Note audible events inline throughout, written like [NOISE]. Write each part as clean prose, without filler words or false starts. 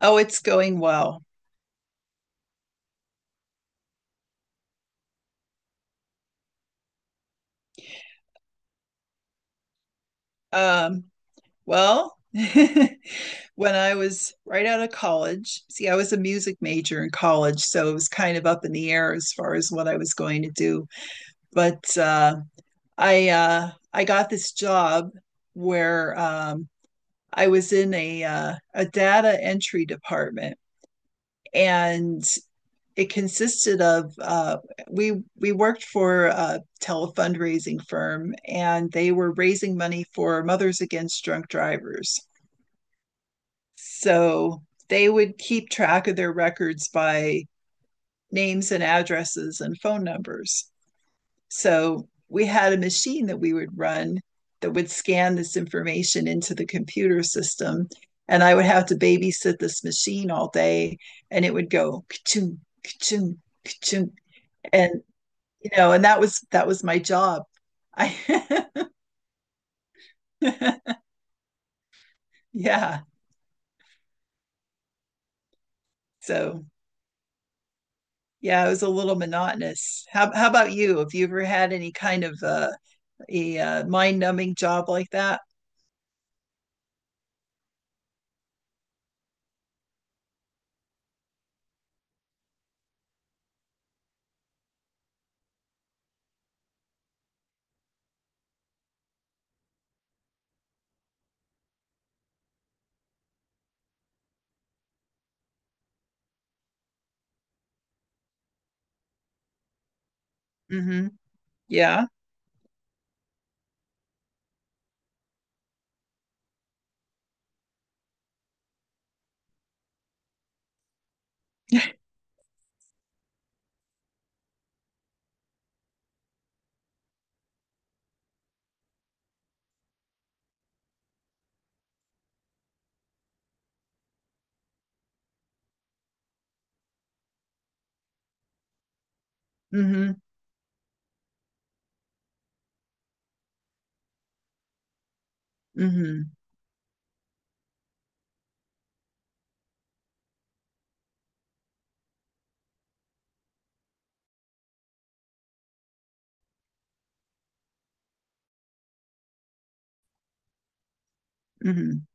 Oh, it's going well. Um, well, [LAUGHS] when I was right out of college, see, I was a music major in college, so it was kind of up in the air as far as what I was going to do. But I got this job where I was in a data entry department, and it consisted of we worked for a telefundraising firm and they were raising money for mothers against drunk drivers. So they would keep track of their records by names and addresses and phone numbers. So we had a machine that we would run that would scan this information into the computer system, and I would have to babysit this machine all day. And it would go ka-chunk, ka-chunk, ka-chunk. and and that was my job. I [LAUGHS] yeah. So yeah, it was a little monotonous. How about you? Have you ever had any kind of a mind numbing job like that? Mm-hmm. Yeah. [LAUGHS] Mm-hmm. Mm-hmm. Mm-hmm.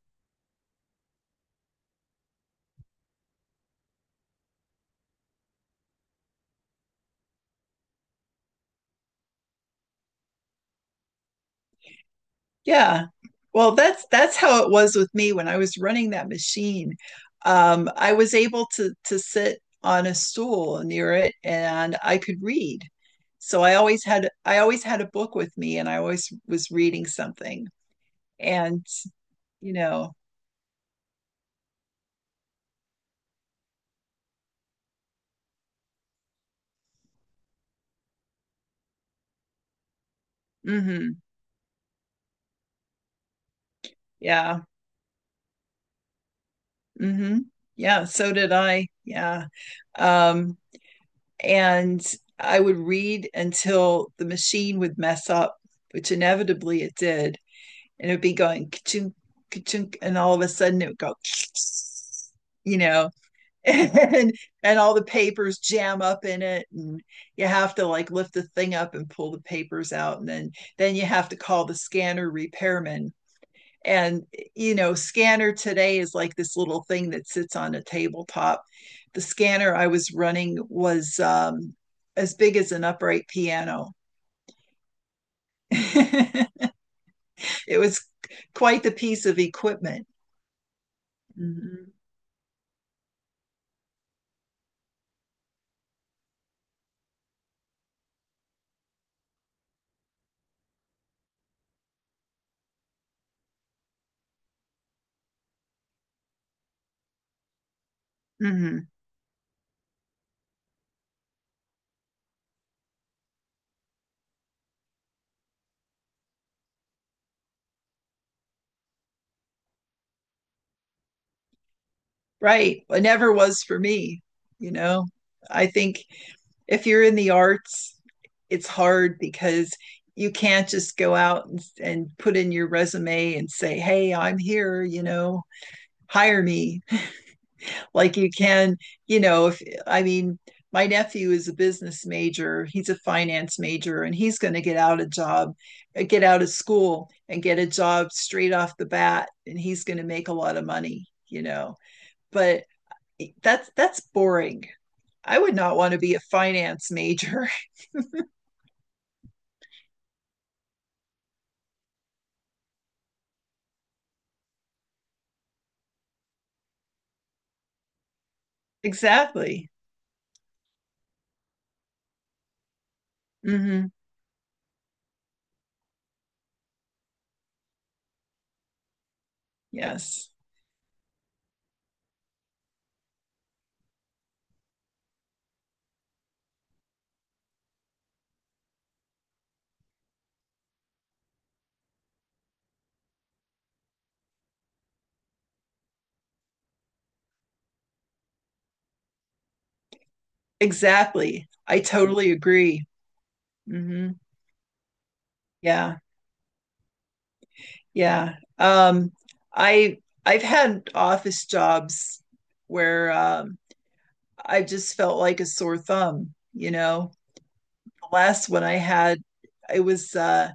Yeah. Well, that's how it was with me when I was running that machine. I was able to sit on a stool near it and I could read. So I always had a book with me and I always was reading something. And, you know, mm-hmm, yeah, mm-hmm, yeah, so did I. Yeah. Um, and I would read until the machine would mess up, which inevitably it did. And it would be going ka-chunk, ka-chunk, and all of a sudden it would go, [LAUGHS] you know, and all the papers jam up in it, and you have to like lift the thing up and pull the papers out, and then you have to call the scanner repairman. And you know, scanner today is like this little thing that sits on a tabletop. The scanner I was running was as big as an upright piano. [LAUGHS] It was quite the piece of equipment. Mm-hmm. Mm-hmm. Right. It never was for me. You know, I think if you're in the arts, it's hard because you can't just go out and put in your resume and say, hey, I'm here, you know, hire me. Like you can, you know, if I mean, my nephew is a business major, he's a finance major, and he's going to get out a job, get out of school and get a job straight off the bat, and he's going to make a lot of money, you know. But that's boring. I would not want to be a finance major. [LAUGHS] Exactly. Hmm. Yes. Exactly. I totally agree. Hmm. Yeah. Yeah. I I've had office jobs where I just felt like a sore thumb, you know. The last one I had, it was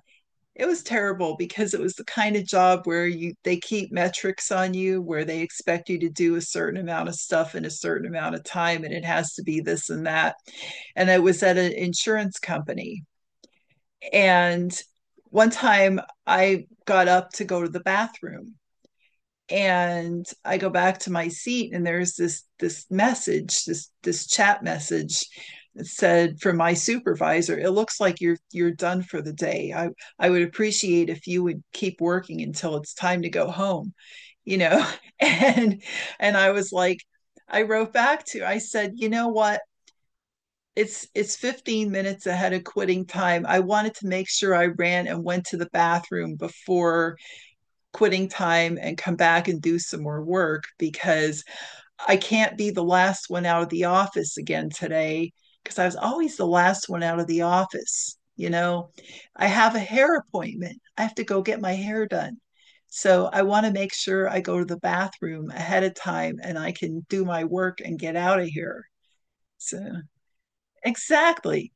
it was terrible because it was the kind of job where you they keep metrics on you where they expect you to do a certain amount of stuff in a certain amount of time and it has to be this and that. And I was at an insurance company, and one time I got up to go to the bathroom, and I go back to my seat, and there's this message, this chat message that said, from my supervisor, "It looks like you're done for the day. I I would appreciate if you would keep working until it's time to go home," you know. [LAUGHS] and and I was like, I wrote back to, I said, "You know what? It's 15 minutes ahead of quitting time. I wanted to make sure I ran and went to the bathroom before quitting time and come back and do some more work, because I can't be the last one out of the office again today." Because I was always the last one out of the office. You know, I have a hair appointment, I have to go get my hair done. So I want to make sure I go to the bathroom ahead of time and I can do my work and get out of here. So exactly.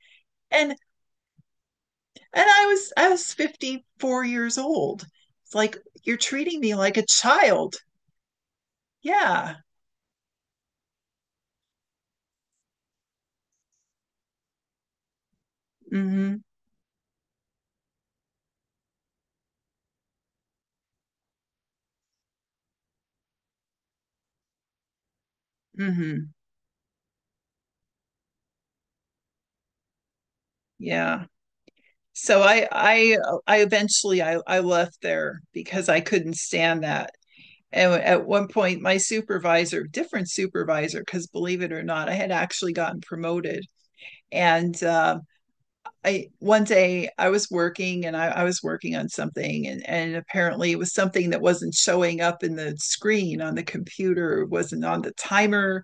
And I was 54 years old. It's like you're treating me like a child. Yeah. Mhm. Mhm. Yeah. So I eventually I left there because I couldn't stand that. And at one point my supervisor, different supervisor, because believe it or not, I had actually gotten promoted, and I one day I was working, and I was working on something, and apparently it was something that wasn't showing up in the screen on the computer, wasn't on the timer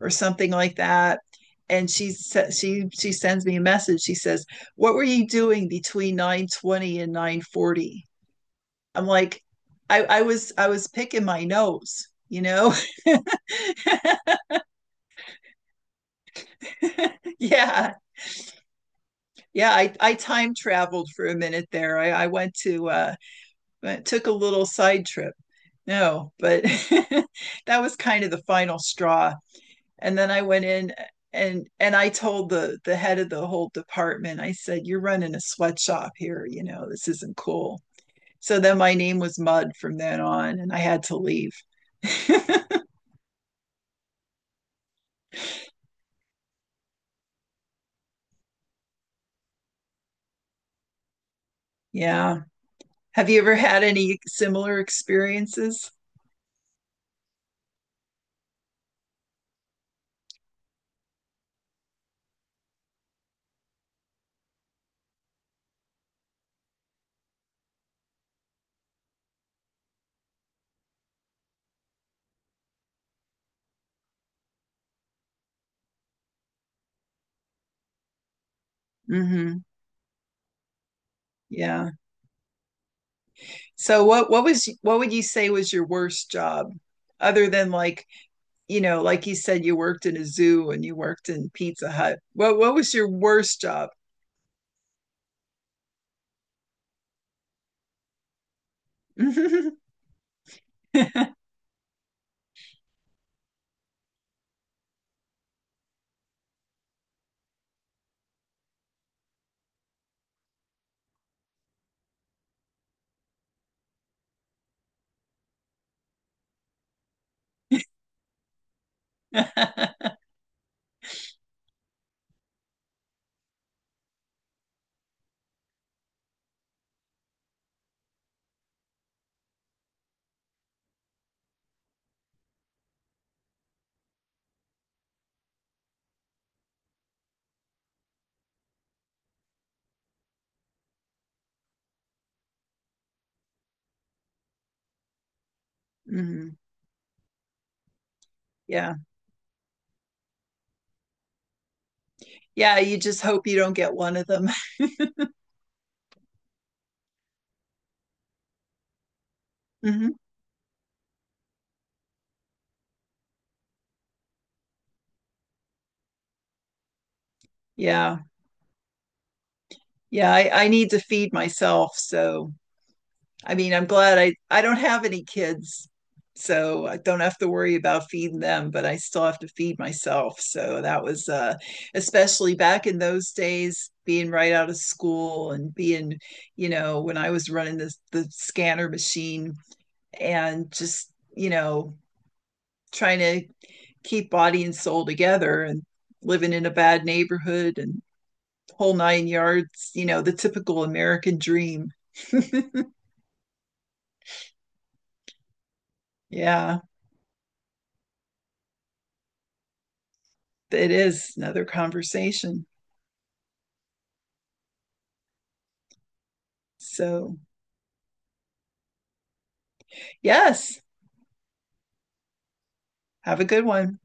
or something like that. And she sends me a message. She says, "What were you doing between 9:20 and 9:40?" I'm like, I was I was picking my nose, you know. [LAUGHS] Yeah, yeah. I time traveled for a minute there. I went to but it took a little side trip. No, but [LAUGHS] that was kind of the final straw. And then I went in and I told the head of the whole department. I said, "You're running a sweatshop here. You know this isn't cool." So then my name was Mud from then on, and I had to leave. [LAUGHS] Yeah. Have you ever had any similar experiences? Mm-hmm. Yeah. So what was what would you say was your worst job, other than like you know, like you said, you worked in a zoo and you worked in Pizza Hut. What was your worst job? [LAUGHS] Hmm. Yeah. Yeah. You just hope you don't get one of them. [LAUGHS] Hmm. Yeah. Yeah. I need to feed myself. So I mean, I'm glad I don't have any kids, so I don't have to worry about feeding them, but I still have to feed myself. So that was especially back in those days being right out of school and being, you know, when I was running the scanner machine and just, you know, trying to keep body and soul together and living in a bad neighborhood and whole nine yards, you know, the typical American dream. [LAUGHS] Yeah. It is another conversation. So, yes, have a good one.